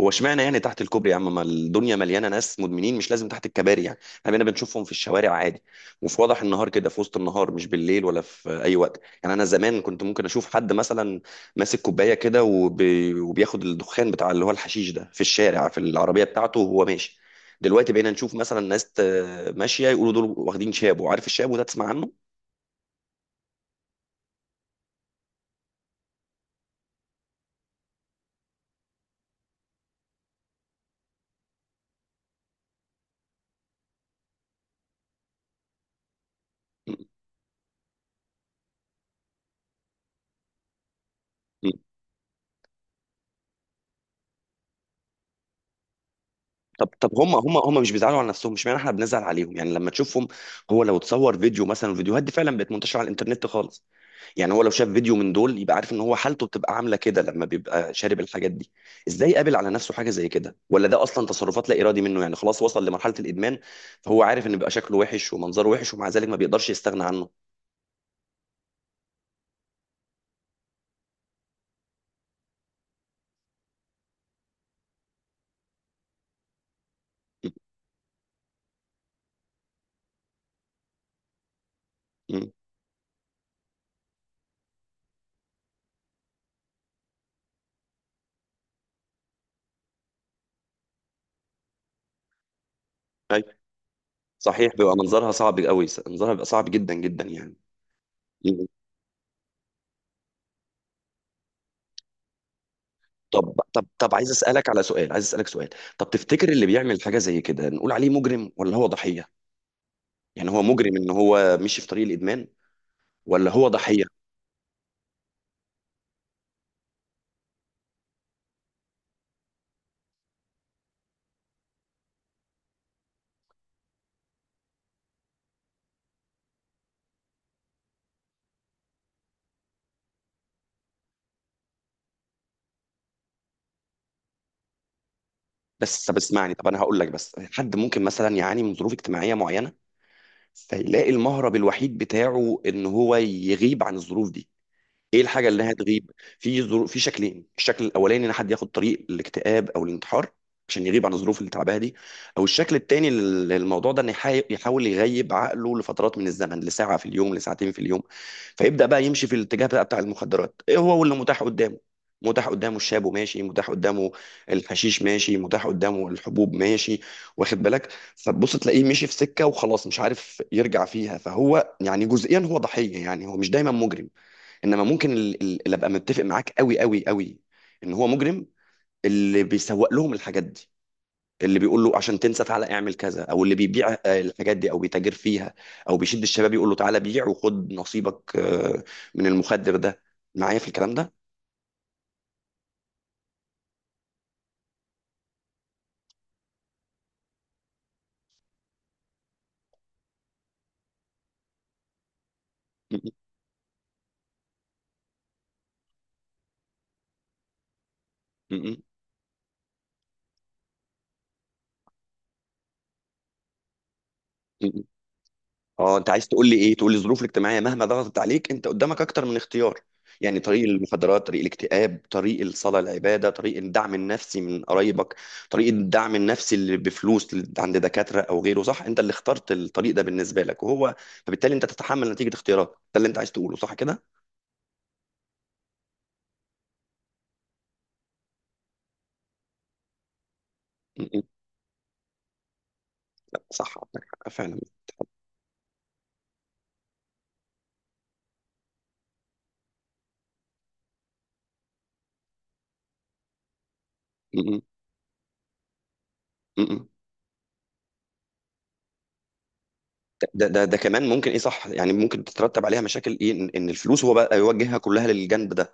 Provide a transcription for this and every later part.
هو اشمعنى يعني تحت الكوبري يا عم؟ ما الدنيا مليانه ناس مدمنين، مش لازم تحت الكباري. يعني احنا بقينا بنشوفهم في الشوارع عادي وفي وضح النهار كده، في وسط النهار مش بالليل ولا في اي وقت. يعني انا زمان كنت ممكن اشوف حد مثلا ماسك كوبايه كده وبياخد الدخان بتاع اللي هو الحشيش ده في الشارع في العربيه بتاعته وهو ماشي. دلوقتي بقينا نشوف مثلا ناس ماشيه، يقولوا دول واخدين شابو. عارف الشابو ده؟ تسمع عنه؟ طب، هم مش بيزعلوا على نفسهم. مش معنى احنا بنزعل عليهم يعني لما تشوفهم. هو لو تصور فيديو مثلا، الفيديوهات دي فعلا بقت منتشره على الانترنت خالص. يعني هو لو شاف فيديو من دول يبقى عارف ان هو حالته بتبقى عامله كده لما بيبقى شارب الحاجات دي. ازاي قابل على نفسه حاجه زي كده؟ ولا ده اصلا تصرفات لا ارادي منه؟ يعني خلاص وصل لمرحله الادمان. فهو عارف ان بيبقى شكله وحش ومنظره وحش، ومع ذلك ما بيقدرش يستغنى عنه. م- م. أي. صحيح، بيبقى منظرها صعب قوي، منظرها بيبقى صعب جدا جدا يعني. طب، عايز اسالك سؤال. طب تفتكر اللي بيعمل حاجه زي كده نقول عليه مجرم ولا هو ضحيه؟ يعني هو مجرم ان هو مشي في طريق الادمان، ولا هو ضحيه؟ بس طب اسمعني، طب انا هقول لك، بس حد ممكن مثلا يعاني من ظروف اجتماعيه معينه فيلاقي المهرب الوحيد بتاعه ان هو يغيب عن الظروف دي. ايه الحاجه اللي هتغيب؟ في شكلين. الشكل الاولاني ان حد ياخد طريق الاكتئاب او الانتحار عشان يغيب عن الظروف اللي تعبها دي. او الشكل التاني للموضوع ده ان يحاول يغيب عقله لفترات من الزمن، لساعه في اليوم، لساعتين في اليوم. فيبدا بقى يمشي في الاتجاه بقى بتاع المخدرات. ايه هو اللي متاح قدامه؟ متاح قدامه الشاب وماشي، متاح قدامه الحشيش ماشي، متاح قدامه الحبوب ماشي. واخد بالك؟ فتبص تلاقيه مشي في سكه وخلاص مش عارف يرجع فيها. فهو يعني جزئيا هو ضحيه، يعني هو مش دايما مجرم. انما ممكن اللي ابقى متفق معاك قوي قوي قوي ان هو مجرم، اللي بيسوق لهم الحاجات دي، اللي بيقول له عشان تنسى تعالى اعمل كذا، او اللي بيبيع الحاجات دي او بيتاجر فيها، او بيشد الشباب يقول له تعالى بيع وخد نصيبك من المخدر ده. معايا في الكلام ده؟ م- م- م- م- اه، انت عايز تقول لي ايه؟ تقول لي الظروف الاجتماعيه مهما ضغطت عليك انت قدامك اكتر من اختيار. يعني طريق المخدرات، طريق الاكتئاب، طريق الصلاه، العباده، طريق الدعم النفسي من قرايبك، طريق الدعم النفسي اللي بفلوس اللي عند دكاتره او غيره. صح؟ انت اللي اخترت الطريق ده بالنسبه لك وهو، فبالتالي انت تتحمل نتيجه اختياراتك. ده اللي انت عايز تقوله، صح كده؟ م. لا، صح عندك حق فعلا. م. م. ده كمان ممكن، ايه صح، يعني ممكن تترتب عليها مشاكل، ايه، إن الفلوس هو بقى يوجهها كلها للجنب ده.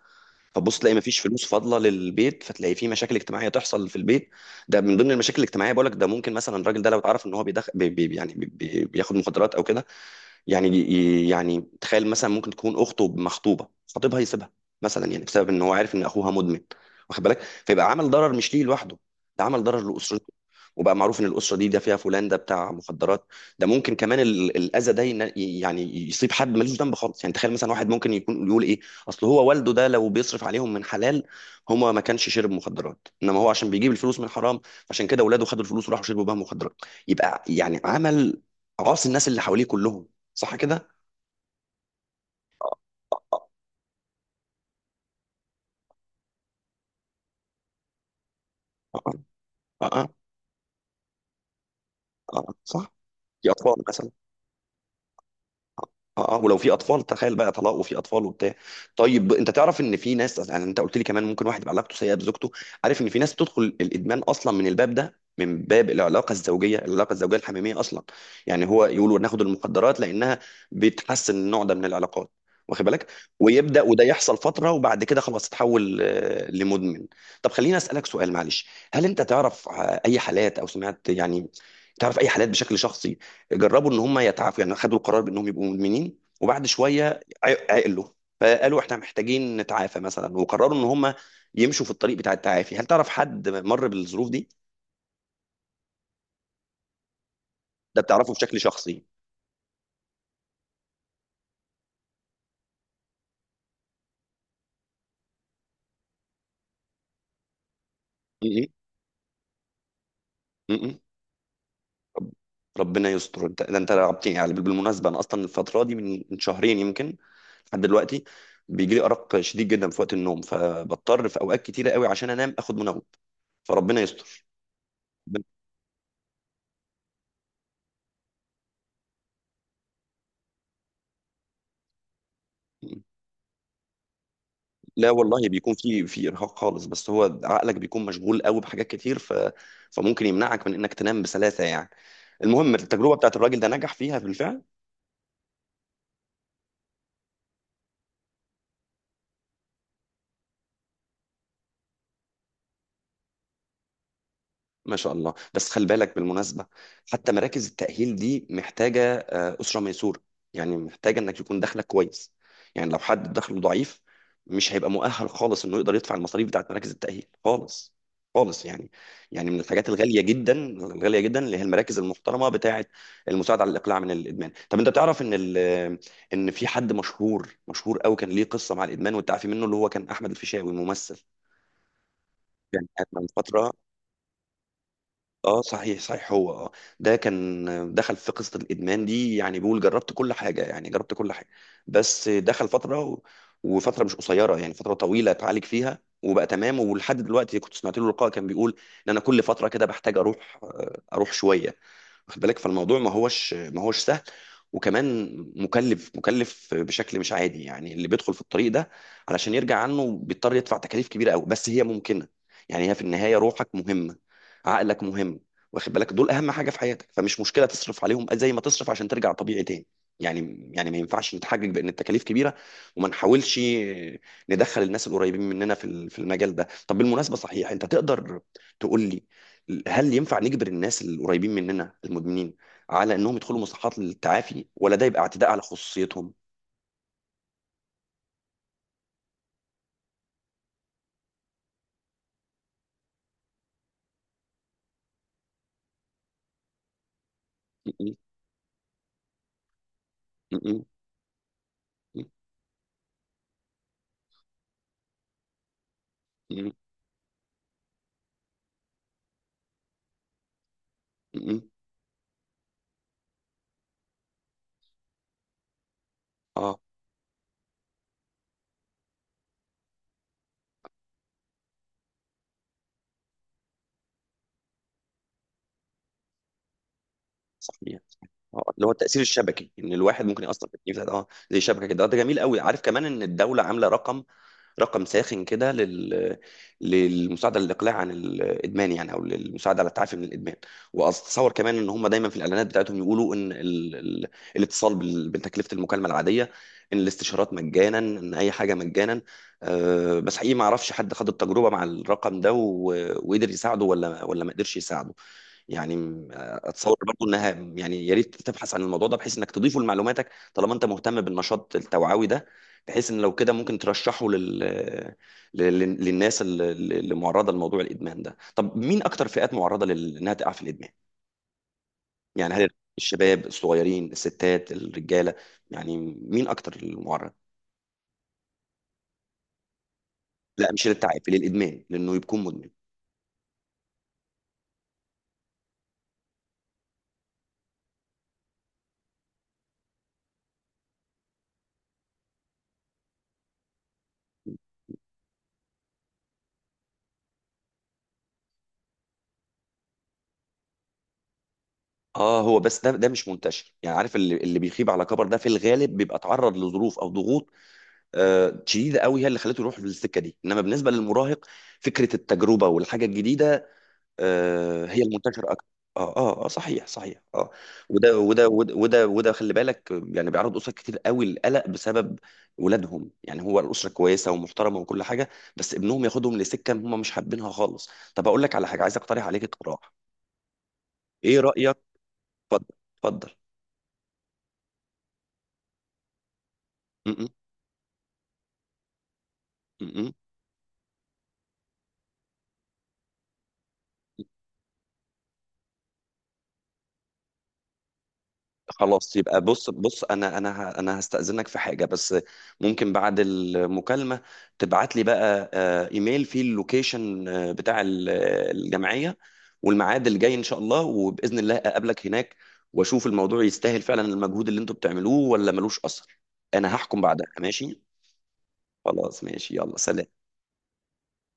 فبص تلاقي مفيش فلوس فاضله للبيت، فتلاقي في مشاكل اجتماعيه تحصل في البيت. ده من ضمن المشاكل الاجتماعيه، بقول لك ده ممكن مثلا الراجل ده لو اتعرف ان هو بيدخل بي بي يعني بي بي- بياخد مخدرات او كده يعني يعني تخيل مثلا ممكن تكون اخته مخطوبه، خطيبها يسيبها مثلا، يعني بسبب ان هو عارف ان اخوها مدمن. واخد بالك؟ فيبقى عمل ضرر مش ليه لوحده، ده عمل ضرر لاسرته. وبقى معروف ان الاسره دي ده فيها فلان ده بتاع مخدرات. ده ممكن كمان الاذى ده يعني يصيب حد ملوش ذنب خالص. يعني تخيل مثلا واحد ممكن يكون يقول ايه، اصل هو والده ده لو بيصرف عليهم من حلال هما ما كانش شرب مخدرات، انما هو عشان بيجيب الفلوس من حرام عشان كده اولاده خدوا الفلوس وراحوا شربوا بها مخدرات. يبقى يعني عمل، عاص الناس اللي حواليه كلهم. صح كده؟ أه، أه، أه. أه، أه، صح؟ دي أطفال مثلا. اه اه، ولو في اطفال تخيل بقى طلاق وفي اطفال وبتاع. طيب، انت تعرف ان في ناس، يعني انت قلت لي كمان ممكن واحد يبقى علاقته سيئه بزوجته. عارف ان في ناس بتدخل الادمان اصلا من الباب ده، من باب العلاقه الزوجيه الحميميه اصلا. يعني هو يقولوا ناخد المخدرات لانها بتحسن النوع ده من العلاقات. واخد بالك؟ وده يحصل فتره وبعد كده خلاص تتحول لمدمن. طب خليني اسالك سؤال، معلش. هل انت تعرف اي حالات او سمعت، يعني تعرف اي حالات بشكل شخصي جربوا ان هم يتعافوا؟ يعني خدوا القرار بانهم يبقوا مدمنين وبعد شويه عقلوا، فقالوا احنا محتاجين نتعافى مثلا، وقرروا ان هم يمشوا في الطريق بتاع التعافي؟ هل تعرف حد مر بالظروف دي؟ ده بتعرفه بشكل شخصي؟ م- م- م- م. ربنا يستر، انت ده انت رعبتني يعني. بالمناسبه انا اصلا الفتره دي من شهرين يمكن لحد دلوقتي بيجي لي ارق شديد جدا في وقت النوم، فبضطر في اوقات كتيره قوي عشان انام اخد منوم. فربنا يستر. لا والله، بيكون في ارهاق خالص، بس هو عقلك بيكون مشغول قوي بحاجات كتير، فممكن يمنعك من انك تنام بسلاسه يعني. المهم التجربه بتاعت الراجل ده نجح فيها بالفعل. ما شاء الله. بس خلي بالك بالمناسبة، حتى مراكز التأهيل دي محتاجة أسرة ميسورة، يعني محتاجة إنك يكون دخلك كويس. يعني لو حد دخله ضعيف مش هيبقى مؤهل خالص إنه يقدر يدفع المصاريف بتاعت مراكز التأهيل خالص خالص يعني. يعني من الحاجات الغالية جدا الغالية جدا اللي هي المراكز المحترمة بتاعت المساعدة على الإقلاع من الإدمان. طب أنت بتعرف إن في حد مشهور مشهور قوي كان ليه قصة مع الإدمان والتعافي منه؟ اللي هو كان أحمد الفيشاوي، ممثل. يعني كانت من فترة. اه صحيح صحيح. هو اه ده كان دخل في قصة الإدمان دي، يعني بيقول جربت كل حاجة، يعني جربت كل حاجة، بس دخل فترة وفترة مش قصيرة، يعني فترة طويلة اتعالج فيها وبقى تمام. ولحد دلوقتي كنت سمعت له لقاء كان بيقول ان انا كل فترة كده بحتاج اروح شوية. واخد بالك؟ فالموضوع ما هوش سهل، وكمان مكلف، مكلف بشكل مش عادي يعني. اللي بيدخل في الطريق ده علشان يرجع عنه بيضطر يدفع تكاليف كبيره قوي، بس هي ممكنه. يعني هي في النهايه روحك مهمه، عقلك مهم، واخد بالك؟ دول اهم حاجه في حياتك، فمش مشكله تصرف عليهم زي ما تصرف عشان ترجع طبيعي تاني. يعني ما ينفعش نتحجج بان التكاليف كبيره وما نحاولش ندخل الناس القريبين مننا في في المجال ده. طب بالمناسبه، صحيح انت تقدر تقول لي، هل ينفع نجبر الناس القريبين مننا المدمنين على انهم يدخلوا مصحات للتعافي، ولا ده يبقى اعتداء على خصوصيتهم؟ م- م- م- م- م- م- اه صحيح صحيح. اه، اللي هو التأثير الشبكي، ان الواحد ممكن يأثر في التأثير ده، اه زي شبكة كده. ده جميل قوي. عارف كمان ان الدولة عاملة رقم ساخن كده للمساعده للاقلاع عن الادمان يعني، او للمساعده على التعافي من الادمان. واتصور كمان ان هم دايما في الاعلانات بتاعتهم يقولوا ان الاتصال بتكلفه المكالمه العاديه، ان الاستشارات مجانا، ان اي حاجه مجانا. أه بس حقيقي ما اعرفش حد خد التجربه مع الرقم ده وقدر يساعده ولا ما قدرش يساعده. يعني اتصور برضو انها، يعني يا ريت تبحث عن الموضوع ده بحيث انك تضيفه لمعلوماتك طالما انت مهتم بالنشاط التوعوي ده، بحيث ان لو كده ممكن ترشحه للناس اللي معرضه لموضوع الادمان ده. طب مين اكتر فئات معرضه انها تقع في الادمان؟ يعني هل الشباب الصغيرين، الستات، الرجاله، يعني مين اكتر المعرض؟ لا، مش للتعافي، للادمان لانه يكون مدمن. اه هو بس ده مش منتشر يعني. عارف اللي بيخيب على كبر ده في الغالب بيبقى تعرض لظروف او ضغوط شديده قوي هي اللي خلته يروح للسكه دي. انما بالنسبه للمراهق، فكره التجربه والحاجه الجديده هي المنتشره اكتر. اه اه اه صحيح صحيح اه. وده خلي بالك يعني، بيعرض اسر كتير قوي للقلق بسبب ولادهم. يعني هو الاسره كويسه ومحترمه وكل حاجه، بس ابنهم ياخدهم لسكه هم مش حابينها خالص. طب اقول لك على حاجه، عايز اقترح عليك اقتراح، ايه رايك؟ اتفضل، اتفضل. م- م- م. خلاص يبقى، بص بص، انا هستأذنك في حاجة بس. ممكن بعد المكالمة تبعت لي بقى ايميل فيه اللوكيشن بتاع الجمعية، والميعاد الجاي ان شاء الله، وبإذن الله اقابلك هناك واشوف الموضوع يستاهل فعلا المجهود اللي انتوا بتعملوه ولا ملوش اثر. انا هحكم بعدها، ماشي؟ خلاص ماشي، يلا سلام.